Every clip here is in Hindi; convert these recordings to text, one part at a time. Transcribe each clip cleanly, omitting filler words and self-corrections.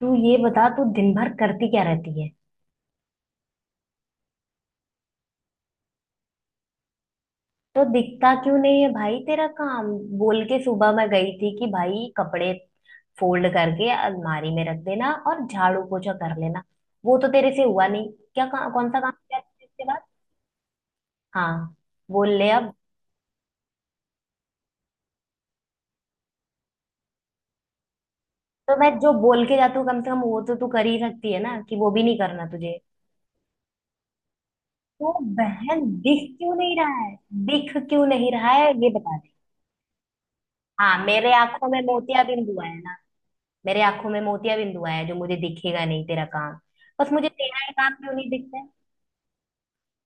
तू ये बता, तू दिन भर करती क्या रहती है? तो दिखता क्यों नहीं है भाई तेरा काम? बोल के सुबह मैं गई थी कि भाई कपड़े फोल्ड करके अलमारी में रख देना और झाड़ू पोछा कर लेना। वो तो तेरे से हुआ नहीं। क्या कौन सा काम किया तूने इसके बाद? हाँ, बोल ले अब। तो मैं जो बोल के जाती हूँ कम से कम वो तो तू कर ही सकती है ना? कि वो भी नहीं करना तुझे? तो बहन दिख क्यों नहीं रहा है? दिख क्यों नहीं रहा है ये बता दे। हाँ, मेरे आंखों में मोतिया बिंदु है ना। मेरे आंखों में मोतिया बिंदु आया है, जो मुझे दिखेगा नहीं तेरा काम। बस मुझे तेरा ही काम क्यों नहीं दिखता है?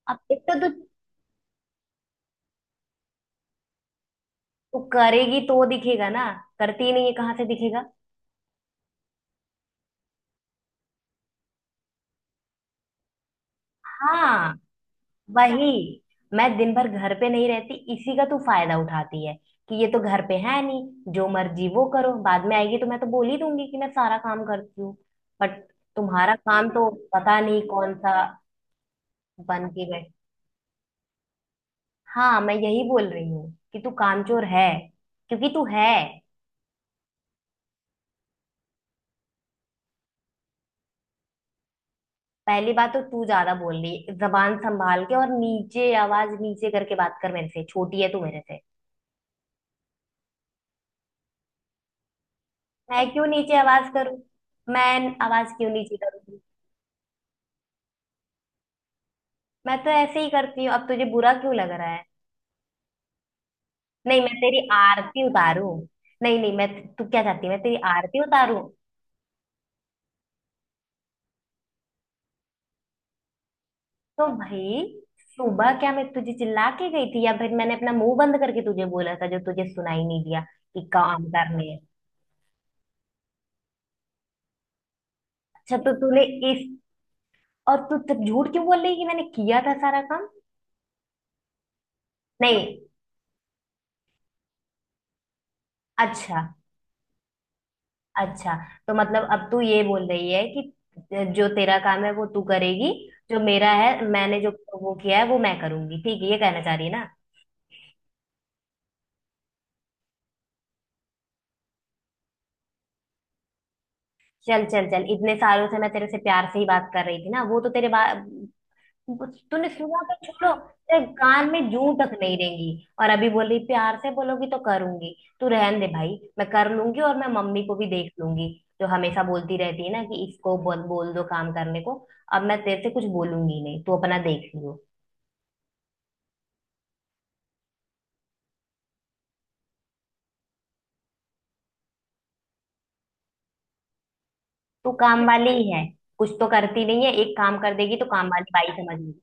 अब एक तो तू, तू करेगी तो दिखेगा ना। करती ही नहीं है कहाँ से दिखेगा। हाँ, वही। मैं दिन भर घर पे नहीं रहती, इसी का तू फायदा उठाती है कि ये तो घर पे है नहीं, जो मर्जी वो करो, बाद में आएगी तो मैं तो बोल ही दूंगी कि मैं सारा काम करती हूँ। बट तुम्हारा काम तो पता नहीं कौन सा। बन के बैठ। हाँ, मैं यही बोल रही हूँ कि तू कामचोर है, क्योंकि तू है। पहली बात तो तू ज्यादा बोल रही, जबान संभाल के, और नीचे करके बात कर। मेरे से छोटी है तू मेरे से। मैं क्यों नीचे आवाज करूं? मैं आवाज क्यों नीचे करूंगी? मैं तो ऐसे ही करती हूँ, अब तुझे बुरा क्यों लग रहा है? नहीं, मैं तेरी आरती उतारूं? नहीं नहीं मैं तू क्या चाहती है, मैं तेरी आरती उतारूं? तो भाई सुबह क्या मैं तुझे चिल्ला के गई थी या फिर मैंने अपना मुंह बंद करके तुझे बोला था जो तुझे सुनाई नहीं दिया कि काम करने हैं? अच्छा, तो तूने इस और तू तब झूठ क्यों बोल रही है कि मैंने किया था सारा काम? नहीं। अच्छा। अच्छा, तो मतलब अब तू ये बोल रही है कि जो तेरा काम है वो तू करेगी, जो मेरा है मैंने जो वो किया है वो मैं करूंगी, ठीक है? ये कहना चाह रही है ना? चल चल चल इतने सालों से मैं तेरे से प्यार से ही बात कर रही थी ना, वो तो तेरे बात तूने सुना तो छोड़ो, तेरे कान में जू तक नहीं रहेंगी। और अभी बोली प्यार से बोलोगी तो करूंगी। तू रहन दे भाई, मैं कर लूंगी। और मैं मम्मी को भी देख लूंगी, जो हमेशा बोलती रहती है ना कि इसको बोल बोल दो काम करने को। अब मैं तेरे से कुछ बोलूंगी नहीं, तू अपना देख लियो। तू काम वाली ही है। कुछ तो करती नहीं है, एक काम कर देगी तो काम वाली बाई समझ लेगी।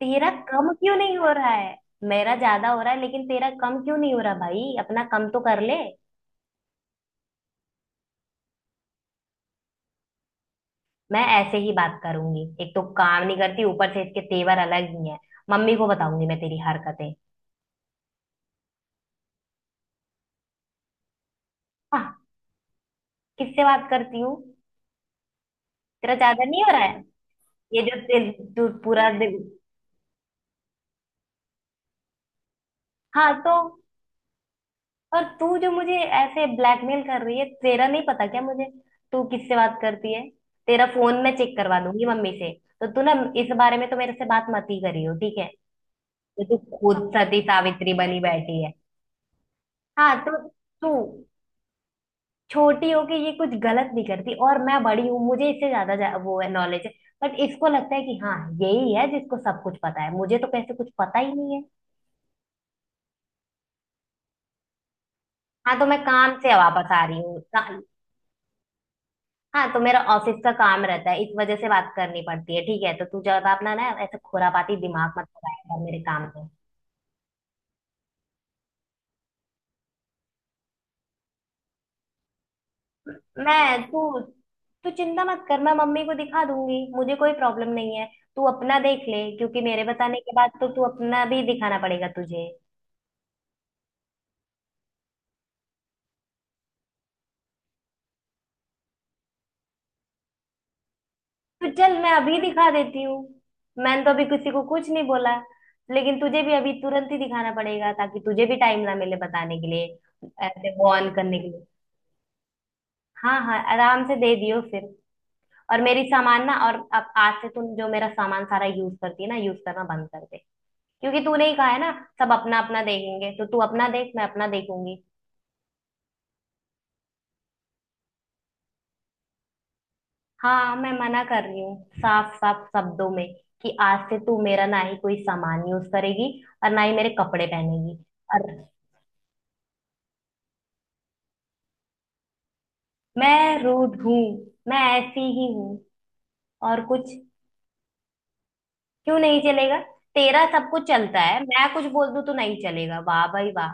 तेरा कम क्यों नहीं हो रहा है? मेरा ज्यादा हो रहा है लेकिन तेरा कम क्यों नहीं हो रहा भाई? अपना कम तो कर ले। मैं ऐसे ही बात करूंगी, एक तो काम नहीं करती ऊपर से इसके तेवर अलग ही हैं। मम्मी को बताऊंगी मैं तेरी हरकतें। हाँ, किससे बात करती हूँ? तेरा ज्यादा नहीं हो रहा है? तू पूरा दिन, हाँ तो, और तू जो मुझे ऐसे ब्लैकमेल कर रही है, तेरा नहीं पता क्या मुझे? तू किससे बात करती है? तेरा फोन मैं चेक करवा दूंगी मम्मी से। तो तू ना, इस बारे में तो मेरे से बात मत ही करियो, ठीक है? तो तू खुद सती सावित्री बनी बैठी है? हाँ, तो तू, छोटी हो के ये कुछ गलत नहीं करती, और मैं बड़ी हूँ, मुझे इससे ज्यादा जा- वो है नॉलेज है। बट इसको लगता है कि हाँ, यही है जिसको सब कुछ पता है, मुझे तो कैसे कुछ पता ही नहीं है। हाँ, तो मैं काम से वापस आ रही हूँ हाँ, तो मेरा ऑफिस का काम रहता है, इस वजह से बात करनी पड़ती है, ठीक है? तो तू ज्यादा अपना ना ऐसे खुरापाती दिमाग मत लगाया कर मेरे काम पे। मैं तू तू चिंता मत कर, मैं मम्मी को दिखा दूंगी, मुझे कोई प्रॉब्लम नहीं है। तू अपना देख ले, क्योंकि मेरे बताने के बाद तो तू अपना भी दिखाना पड़ेगा तुझे। तो चल, मैं अभी दिखा देती हूँ। मैंने तो अभी किसी को कुछ नहीं बोला, लेकिन तुझे भी अभी तुरंत ही दिखाना पड़ेगा ताकि तुझे भी टाइम ना मिले बताने के लिए। ऐसे वो ऑन करने के लिए। हाँ हाँ, आराम से दे दियो फिर। और मेरी सामान ना, और अब आज से तुम जो मेरा सामान सारा यूज करती है ना, यूज करना बंद कर दे। क्योंकि तूने ही कहा है ना, सब अपना अपना देखेंगे, तो तू अपना देख, मैं अपना देखूंगी। हाँ, मैं मना कर रही हूँ साफ साफ शब्दों में, कि आज से तू मेरा ना ही कोई सामान यूज करेगी और ना ही मेरे कपड़े पहनेगी। और मैं रूड हूँ, मैं ऐसी ही हूँ, और कुछ? क्यों नहीं चलेगा? तेरा सब कुछ चलता है, मैं कुछ बोल दूँ तो नहीं चलेगा? वाह भाई वाह।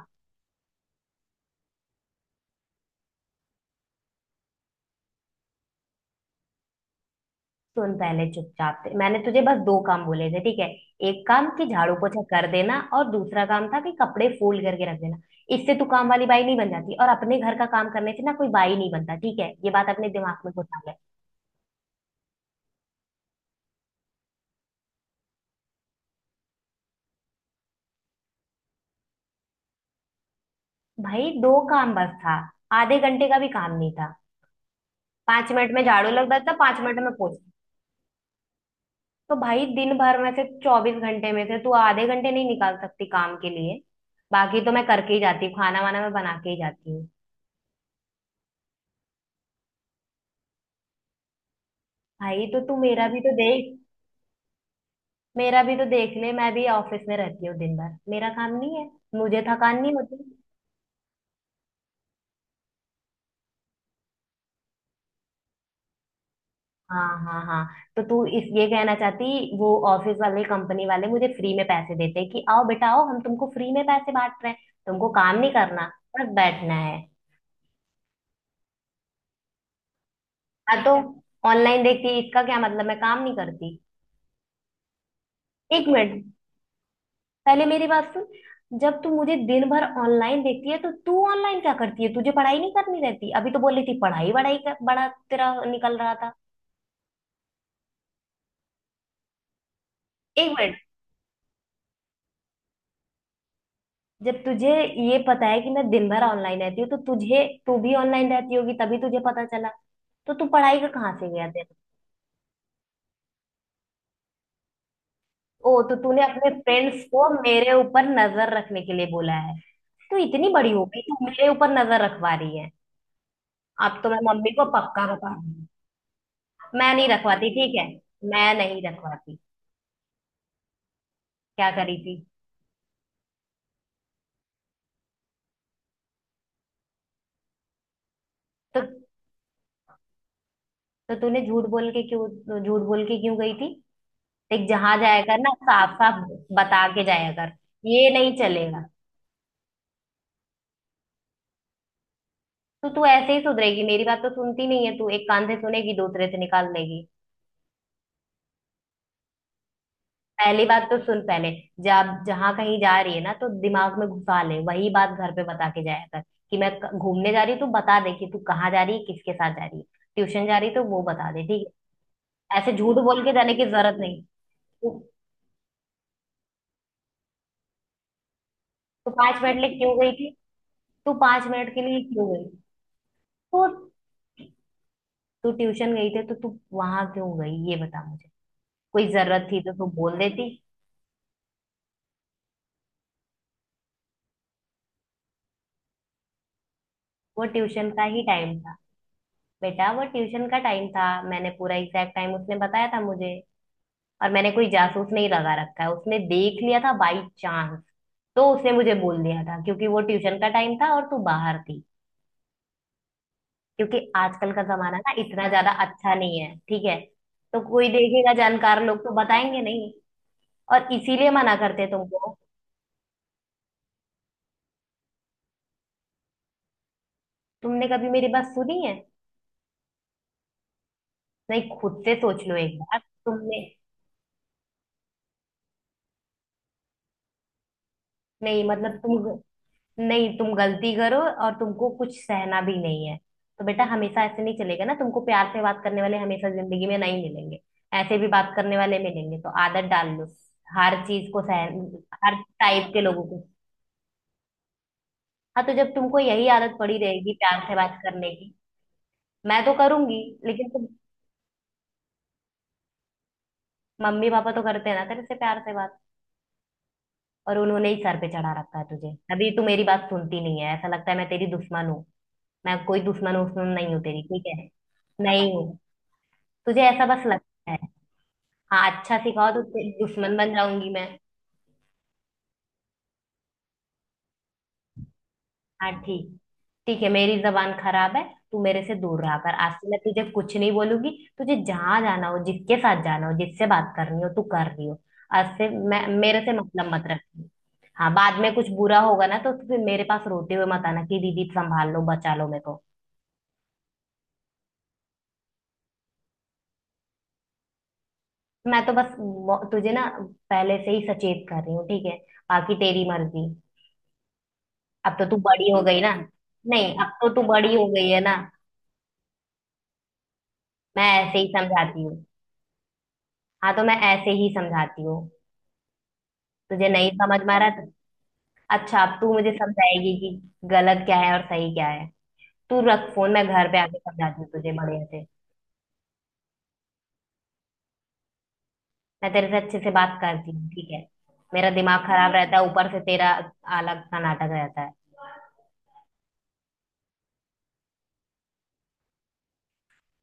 सुन, पहले चुपचाप से मैंने तुझे बस दो काम बोले थे, ठीक है? एक काम कि झाड़ू पोछा कर देना और दूसरा काम था कि कपड़े फोल्ड करके रख देना। इससे तू काम वाली बाई नहीं बन जाती, और अपने घर का काम करने से ना कोई बाई नहीं बनता, ठीक है? ये बात अपने दिमाग में घुसा ले। भाई दो काम बस था, आधे घंटे का भी काम नहीं था। पांच मिनट में झाड़ू लग जाता, 5 मिनट में पोछा। तो भाई दिन भर में से, 24 घंटे में से, तू आधे घंटे नहीं निकाल सकती काम के लिए? बाकी तो मैं करके ही जाती हूँ, खाना वाना मैं बना के ही जाती हूँ। भाई तो तू मेरा भी तो देख, मेरा भी तो देख ले, मैं भी ऑफिस में रहती हूँ दिन भर, मेरा काम नहीं है? मुझे थकान नहीं होती? हाँ हाँ हाँ, तो तू इस ये कहना चाहती, वो ऑफिस वाले कंपनी वाले मुझे फ्री में पैसे देते कि आओ बेटा आओ, हम तुमको फ्री में पैसे बांट रहे हैं, तुमको काम नहीं करना, बस बैठना है। हाँ तो, ऑनलाइन देखती, इसका क्या मतलब मैं काम नहीं करती? 1 मिनट, पहले मेरी बात सुन। जब तू मुझे दिन भर ऑनलाइन देखती है तो तू ऑनलाइन क्या करती है? तुझे पढ़ाई नहीं करनी रहती? अभी तो बोल रही थी पढ़ाई बड़ाई का बड़ा तेरा निकल रहा था। 1 मिनट, जब तुझे ये पता है कि मैं दिन भर ऑनलाइन रहती हूँ, तो तुझे तू भी ऑनलाइन रहती होगी तभी तुझे पता चला। तो तू पढ़ाई का कहाँ से गया तेरा? ओ, तो तूने अपने फ्रेंड्स को मेरे ऊपर नजर रखने के लिए बोला है? तू इतनी बड़ी हो गई, तू मेरे ऊपर नजर रखवा रही है? अब तो मैं मम्मी को पक्का बता दूंगी। मैं नहीं रखवाती, ठीक है। मैं नहीं रखवाती। क्या करी थी? तो, तूने झूठ बोल के क्यों, झूठ बोल के क्यों गई थी? देख, जहां जाया कर ना, साफ साफ बता के जाया कर। ये नहीं चलेगा। तो तू ऐसे ही सुधरेगी, मेरी बात तो सुनती नहीं है तू, एक कान से सुनेगी दूसरे से निकाल देगी। पहली बात तो सुन पहले, जब जहां कहीं जा रही है ना, तो दिमाग में घुसा ले वही बात, घर पे बता के जाया कर कि मैं घूमने जा रही हूँ। तू बता दे कि तू कहाँ जा रही है, किसके साथ जा रही है, ट्यूशन जा रही है, तो वो बता दे, ठीक है? ऐसे झूठ बोल के जाने की जरूरत नहीं। तू तू 5 मिनट लिए क्यों गई थी? तू पांच मिनट के लिए क्यों गई? तो तू ट्यूशन गई थी, तो तू वहां क्यों गई ये बता मुझे। कोई जरूरत थी तो तू बोल देती। वो ट्यूशन का ही टाइम था। बेटा वो ट्यूशन का टाइम था, मैंने पूरा एग्जैक्ट टाइम, उसने बताया था मुझे। और मैंने कोई जासूस नहीं लगा रखा है, उसने देख लिया था बाई चांस, तो उसने मुझे बोल दिया था, क्योंकि वो ट्यूशन का टाइम था और तू बाहर थी। क्योंकि आजकल का जमाना ना इतना ज्यादा अच्छा नहीं है, ठीक है? तो कोई देखेगा, जानकार लोग तो बताएंगे नहीं? और इसीलिए मना करते हैं तुमको। तुमने कभी मेरी बात सुनी है? नहीं, खुद से सोच लो एक बार। तुमने नहीं मतलब तुम नहीं तुम गलती करो और तुमको कुछ सहना भी नहीं है? तो बेटा हमेशा ऐसे नहीं चलेगा ना, तुमको प्यार से बात करने वाले हमेशा जिंदगी में नहीं मिलेंगे। ऐसे भी बात करने वाले मिलेंगे, तो आदत डाल लो, हर चीज को सह, हर टाइप के लोगों को। हाँ, तो जब तुमको यही आदत पड़ी रहेगी प्यार से बात करने की, मैं तो करूंगी, लेकिन तुम, मम्मी पापा तो करते हैं ना तेरे से प्यार से बात, और उन्होंने ही सर पे चढ़ा रखा है तुझे। अभी तू मेरी बात सुनती नहीं है, ऐसा लगता है मैं तेरी दुश्मन हूँ। मैं कोई दुश्मन उश्मन नहीं हूँ तेरी, ठीक है? नहीं हूँ, तुझे ऐसा बस लगता है। हाँ अच्छा, सिखाओ, तो तेरी दुश्मन बन जाऊंगी मैं। हाँ ठीक, ठीक है, मेरी जबान खराब है, तू मेरे से दूर रहा कर, आज से मैं तुझे कुछ नहीं बोलूंगी। तुझे जहां जाना हो, जिसके साथ जाना हो, जिससे बात करनी हो तू कर रही हो। आज से मैं, मेरे से मतलब मत रखी। हाँ, बाद में कुछ बुरा होगा ना, तो फिर मेरे पास रोते हुए मत आना कि दीदी संभाल लो, बचा लो मेरे को। मैं तो बस तुझे ना, पहले से ही सचेत कर रही हूँ, ठीक है? बाकी तेरी मर्जी, अब तो तू बड़ी हो गई ना। नहीं, अब तो तू बड़ी हो गई है ना, मैं ऐसे ही समझाती हूँ। हाँ, तो मैं ऐसे ही समझाती हूँ, तुझे नहीं समझ में आ रहा तो? अच्छा, अब तू मुझे समझाएगी कि गलत क्या है और सही क्या है? तू रख फोन, मैं घर पे आके समझाती हूँ तुझे बढ़िया से। मैं तेरे से अच्छे से बात करती हूँ, ठीक है? मेरा दिमाग खराब रहता है, ऊपर से तेरा अलग सा नाटक रहता है।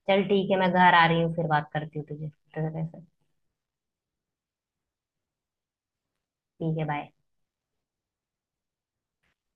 चल ठीक है, मैं घर आ रही हूँ, फिर बात करती हूँ तुझे तेरे से। ठीक है, बाय।